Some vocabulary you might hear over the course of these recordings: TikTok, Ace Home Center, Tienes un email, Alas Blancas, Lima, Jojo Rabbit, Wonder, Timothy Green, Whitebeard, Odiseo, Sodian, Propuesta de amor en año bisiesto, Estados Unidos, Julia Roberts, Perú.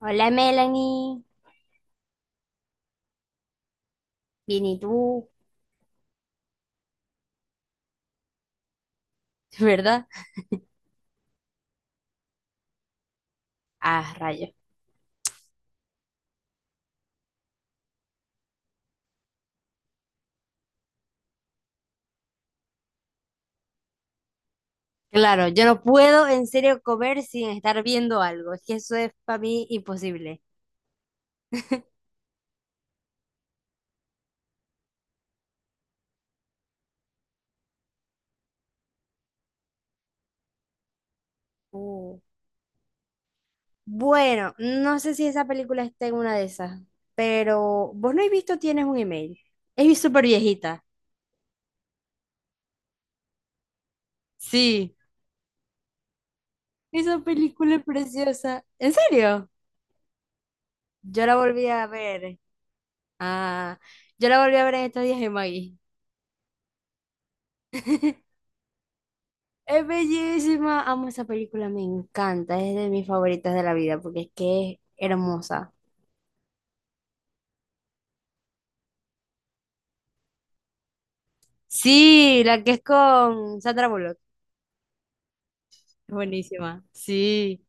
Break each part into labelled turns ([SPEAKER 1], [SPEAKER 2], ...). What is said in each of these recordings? [SPEAKER 1] Hola, Melanie. Bien, ¿y tú? ¿Verdad? Ah, rayos. Claro, yo no puedo en serio comer sin estar viendo algo, es que eso es para mí imposible. Uh. Bueno, no sé si esa película está en una de esas, pero vos no has visto Tienes un email. Es súper viejita. Sí, esa película es preciosa. ¿En serio? Yo la volví a ver. Ah, yo la volví a ver en estos días en Maggie. Es bellísima, amo esa película, me encanta, es de mis favoritas de la vida porque es que es hermosa. Sí, la que es con Sandra Bullock, es buenísima, sí.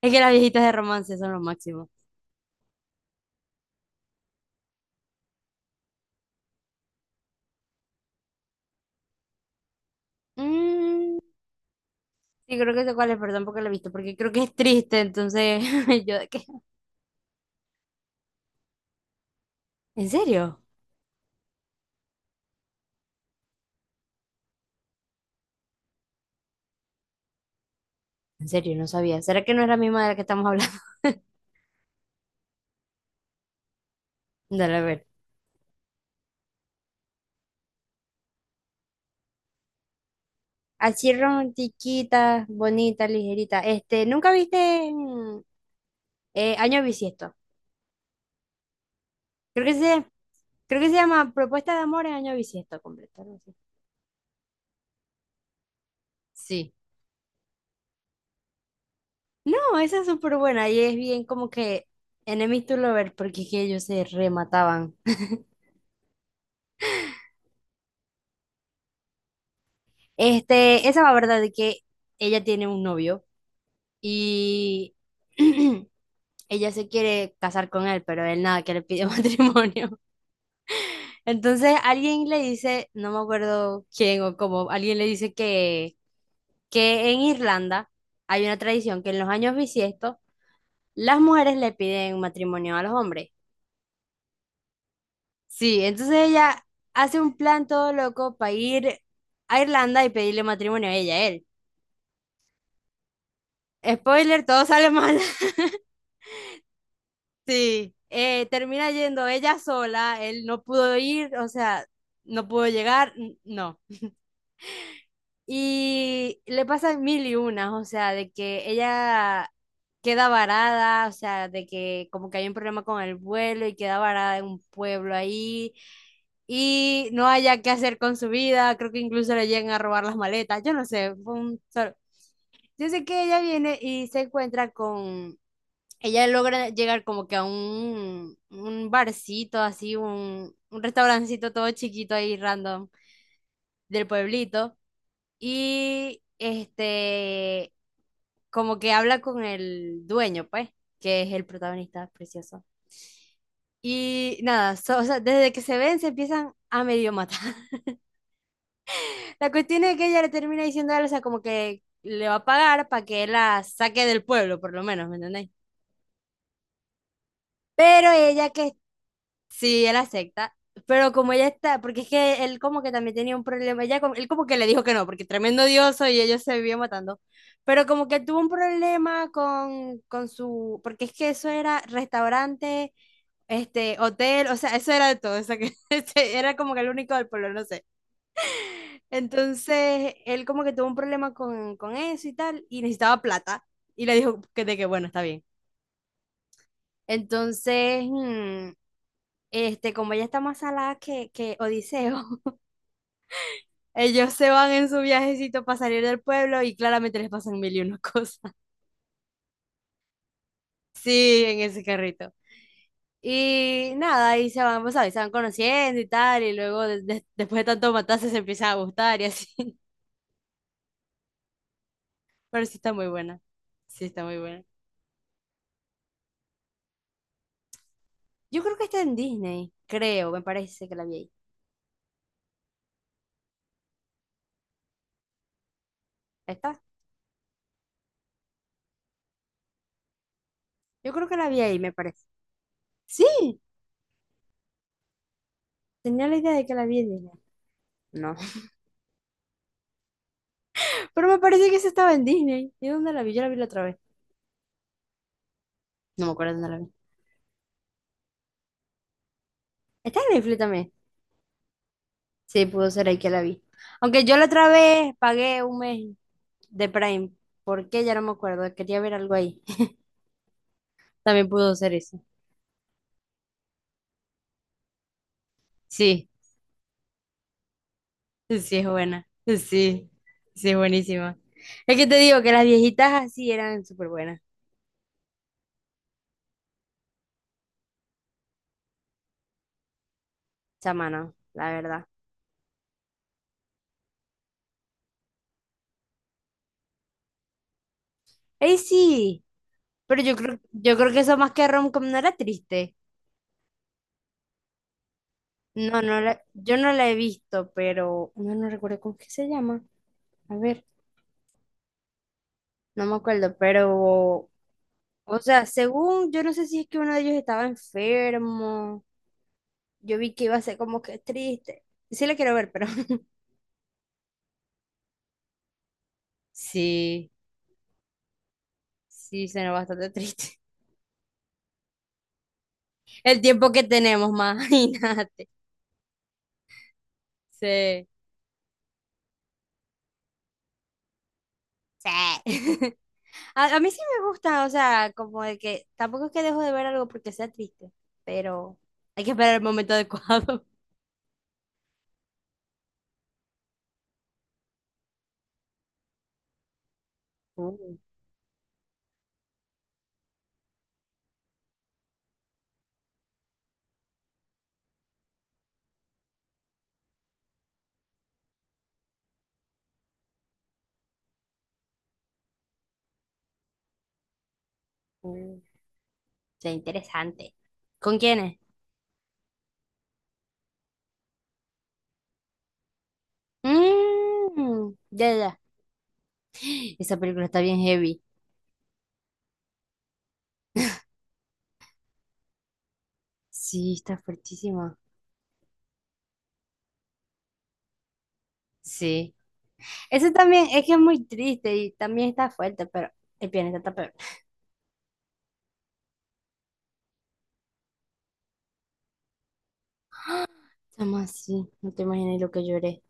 [SPEAKER 1] Es que las viejitas de romance son lo máximo. Mm, sí, creo que sé cuál es, perdón porque la he visto, porque creo que es triste, entonces yo de qué. ¿En serio? En serio, no sabía. ¿Será que no es la misma de la que estamos hablando? Dale, a ver. Así romantiquita, bonita, ligerita. Este, ¿nunca viste Año Bisiesto? Creo que sí. Creo que se llama Propuesta de amor en año bisiesto completo, algo así. Sí. No, esa es súper buena y es bien como que enemies to lovers porque es que ellos se remataban. Este, esa va verdad de que ella tiene un novio y ella se quiere casar con él, pero él nada que le pide matrimonio. Entonces alguien le dice, no me acuerdo quién o cómo, alguien le dice que en Irlanda hay una tradición que en los años bisiestos las mujeres le piden matrimonio a los hombres. Sí, entonces ella hace un plan todo loco para ir a Irlanda y pedirle matrimonio a ella, a él. Spoiler, todo sale mal. Sí, termina yendo ella sola, él no pudo ir, o sea, no pudo llegar, no. Y le pasan mil y unas, o sea, de que ella queda varada, o sea, de que como que hay un problema con el vuelo y queda varada en un pueblo ahí y no haya qué hacer con su vida, creo que incluso le llegan a robar las maletas, yo no sé, fue un Yo sé que ella viene y se encuentra con, ella logra llegar como que a un barcito, así, un restaurancito todo chiquito ahí random del pueblito. Y este, como que habla con el dueño, pues, que es el protagonista precioso. Y nada, o sea, desde que se ven se empiezan a medio matar. La cuestión es que ella le termina diciendo a él, o sea, como que le va a pagar para que él la saque del pueblo, por lo menos, ¿me entendéis? Pero ella que sí, él acepta, pero como ella está, porque es que él como que también tenía un problema, ella, él como que le dijo que no, porque tremendo dioso y ellos se vivían matando, pero como que tuvo un problema con, su, porque es que eso era restaurante, este, hotel, o sea, eso era de todo, o sea, que este, era como que el único del pueblo, no sé. Entonces, él como que tuvo un problema con, eso y tal, y necesitaba plata, y le dijo que de que bueno, está bien. Entonces, este, como ella está más salada que Odiseo, ellos se van en su viajecito para salir del pueblo y claramente les pasan mil y una cosas. Sí, en ese carrito. Y nada, ahí se van, pues, ¿sabes? Se van conociendo y tal, y luego después de tanto matarse se empiezan a gustar y así. Pero sí está muy buena. Sí está muy buena. Yo creo que está en Disney, creo, me parece que la vi ahí. ¿Está? Yo creo que la vi ahí, me parece. Sí, tenía la idea de que la vi en Disney. No. Pero me parece que esa estaba en Disney. ¿Y dónde la vi? Yo la vi la otra vez. No me acuerdo dónde la vi. Está en Netflix también. Sí, pudo ser ahí que la vi. Aunque yo la otra vez pagué un mes de Prime. ¿Por qué? Ya no me acuerdo. Quería ver algo ahí. También pudo ser eso. Sí, sí es buena. Sí, sí es buenísima. Es que te digo que las viejitas así eran súper buenas. Chamano, la verdad. ¡Ey, sí! Pero yo creo que eso más que romcom no era triste. No, no la, yo no la he visto, pero no, no recuerdo cómo es que se llama. A ver, no me acuerdo, pero o sea, según, yo no sé si es que uno de ellos estaba enfermo. Yo vi que iba a ser como que triste. Sí la quiero ver, pero sí, sí, suena bastante triste. El tiempo que tenemos, imagínate. Sí. Sí. A mí sí me gusta, o sea, como de que tampoco es que dejo de ver algo porque sea triste, pero hay que esperar el momento adecuado. Uh, uh, sea interesante. ¿Con quiénes? Mm, ya. Ya. Esa película está bien heavy. Sí, está fuertísimo. Sí. Eso también es que es muy triste y también está fuerte, pero el planeta está peor. Estamos así, no te imaginas lo que lloré.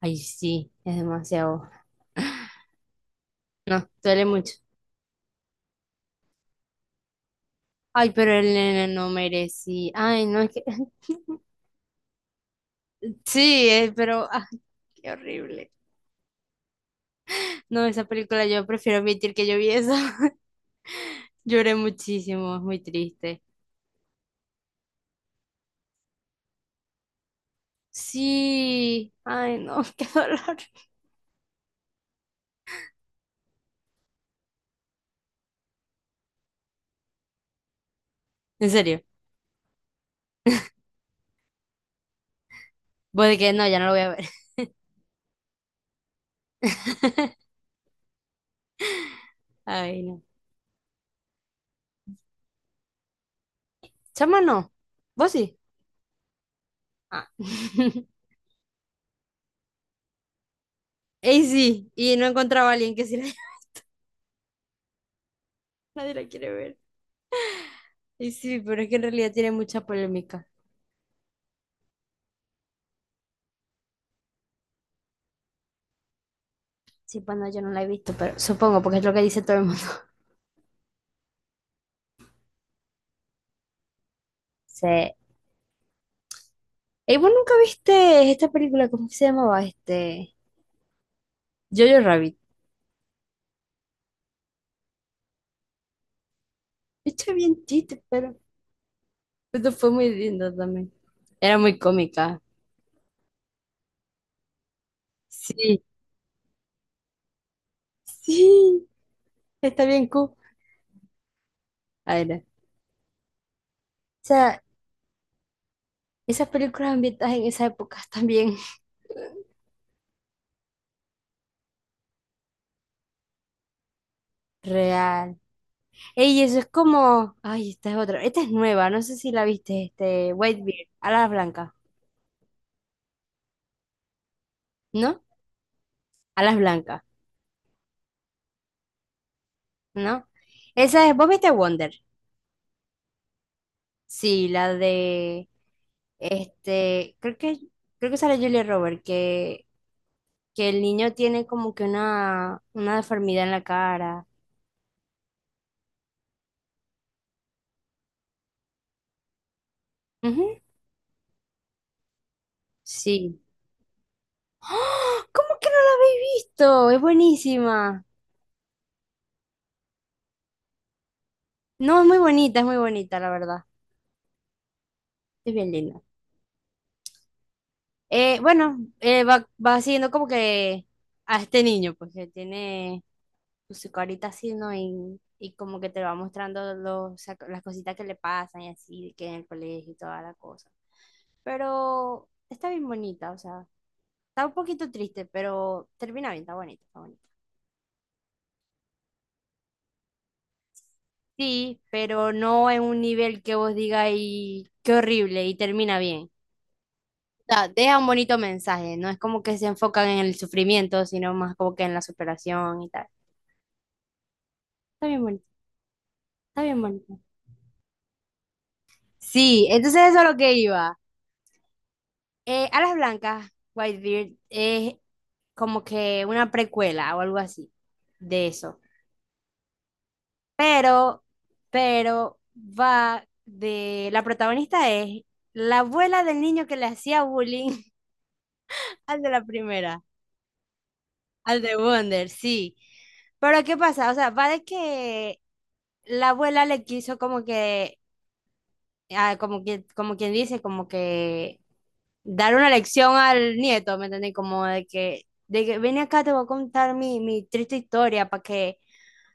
[SPEAKER 1] Ay, sí, es demasiado. No, duele mucho. Ay, pero el nene no merecía. Ay, no, es que. Sí, pero. Ah, qué horrible. No, esa película yo prefiero admitir que yo vi esa. Lloré muchísimo, es muy triste. Sí, ay, no, qué dolor. En serio, pues de que no, ya no lo voy a ver. Ay, no. Chama, no. ¿Vos sí? Ah. Y sí, y no encontraba a alguien que sí la. Nadie la quiere ver. Y sí, pero es que en realidad tiene mucha polémica. Sí, pues no, yo no la he visto, pero supongo, porque es lo que dice todo el mundo. Sí. ¿Y vos nunca viste esta película? ¿Cómo que se llamaba? Este, Jojo Rabbit. Esto es bien chiste, pero. Esto fue muy lindo también. Era muy cómica. Sí, sí. Está bien cool. A ver. O sea, esas películas ambientadas en esa época también. Real. Ey, eso es como. Ay, esta es otra. Esta es nueva, no sé si la viste, este, Whitebeard, Alas Blancas, ¿no? Alas Blancas, ¿no? Esa es, ¿vos viste Wonder? Sí, la de este, creo que sale Julia Roberts que, el niño tiene como que una deformidad en la cara. Ujú. Sí. ¡Ah! ¿Cómo que no la habéis visto? Es buenísima. No, es muy bonita, la verdad. Es bien linda. Bueno, va siguiendo como que a este niño, pues que tiene pues, su carita así, ¿no? Y como que te va mostrando las cositas que le pasan y así, que en el colegio y toda la cosa. Pero está bien bonita, o sea, está un poquito triste, pero termina bien, está bonita, está bonita. Sí, pero no en un nivel que vos digas y qué horrible y termina bien. O sea, deja un bonito mensaje, no es como que se enfocan en el sufrimiento, sino más como que en la superación y tal. Está bien bonito, está bien bonito. Sí, entonces eso es lo que iba. Alas Blancas, Whitebeard, es como que una precuela o algo así de eso. Pero, pero va de, la protagonista es la abuela del niño que le hacía bullying al de la primera, al de Wonder, sí. Pero ¿qué pasa? O sea, va de que la abuela le quiso como que, ah, como que, como quien dice, como que dar una lección al nieto, ¿me entendés? Como de que ven acá, te voy a contar mi, mi triste historia para que,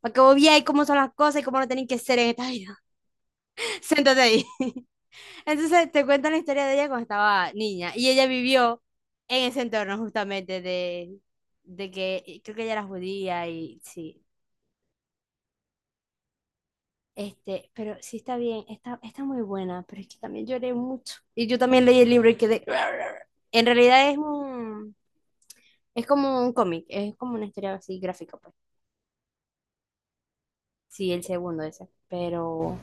[SPEAKER 1] para que vos veáis cómo son las cosas y cómo no tienen que ser en esta vida. Siéntate ahí. Entonces te cuentan la historia de ella cuando estaba niña y ella vivió en ese entorno justamente de que creo que ella era judía y sí. Este, pero sí está bien, está, está muy buena, pero es que también lloré mucho. Y yo también leí el libro y quedé. En realidad es un, es como un cómic, es como una historia así gráfica, pues. Sí, el segundo ese,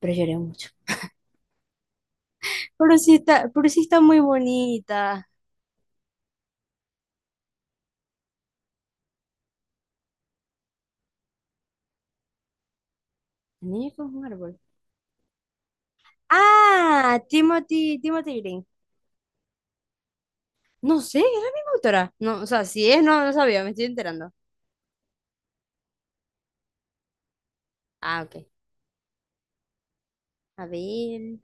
[SPEAKER 1] pero lloré mucho. Pero sí está muy bonita. El niño que es un árbol. Ah, Timothy, Timothy Green. No sé, es la misma autora. No, o sea, si es, no, no sabía, me estoy enterando. Ah, ok. A ver.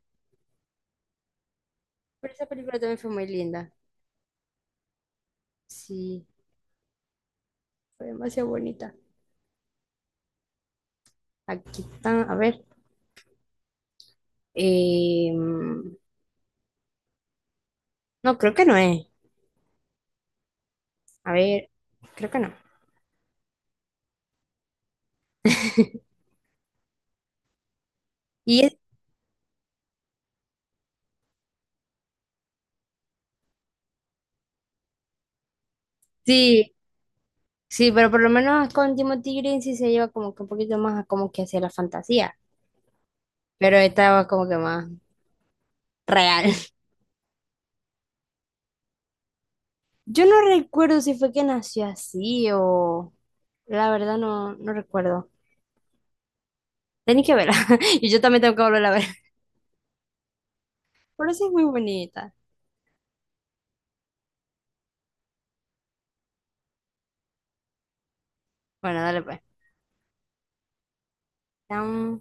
[SPEAKER 1] Pero esa película también fue muy linda. Sí, fue demasiado bonita. Aquí están, a ver. Em, no, creo que no es. A ver, creo que no. Y es- sí, sí, pero por lo menos con Timothy Green sí se lleva como que un poquito más a como que hacia la fantasía, pero esta es como que más real. Yo no recuerdo si fue que nació así o. La verdad no, no recuerdo. Tenéis que verla. Y yo también tengo que volver a ver. Pero sí es muy bonita. Bueno, dale pues. Chao.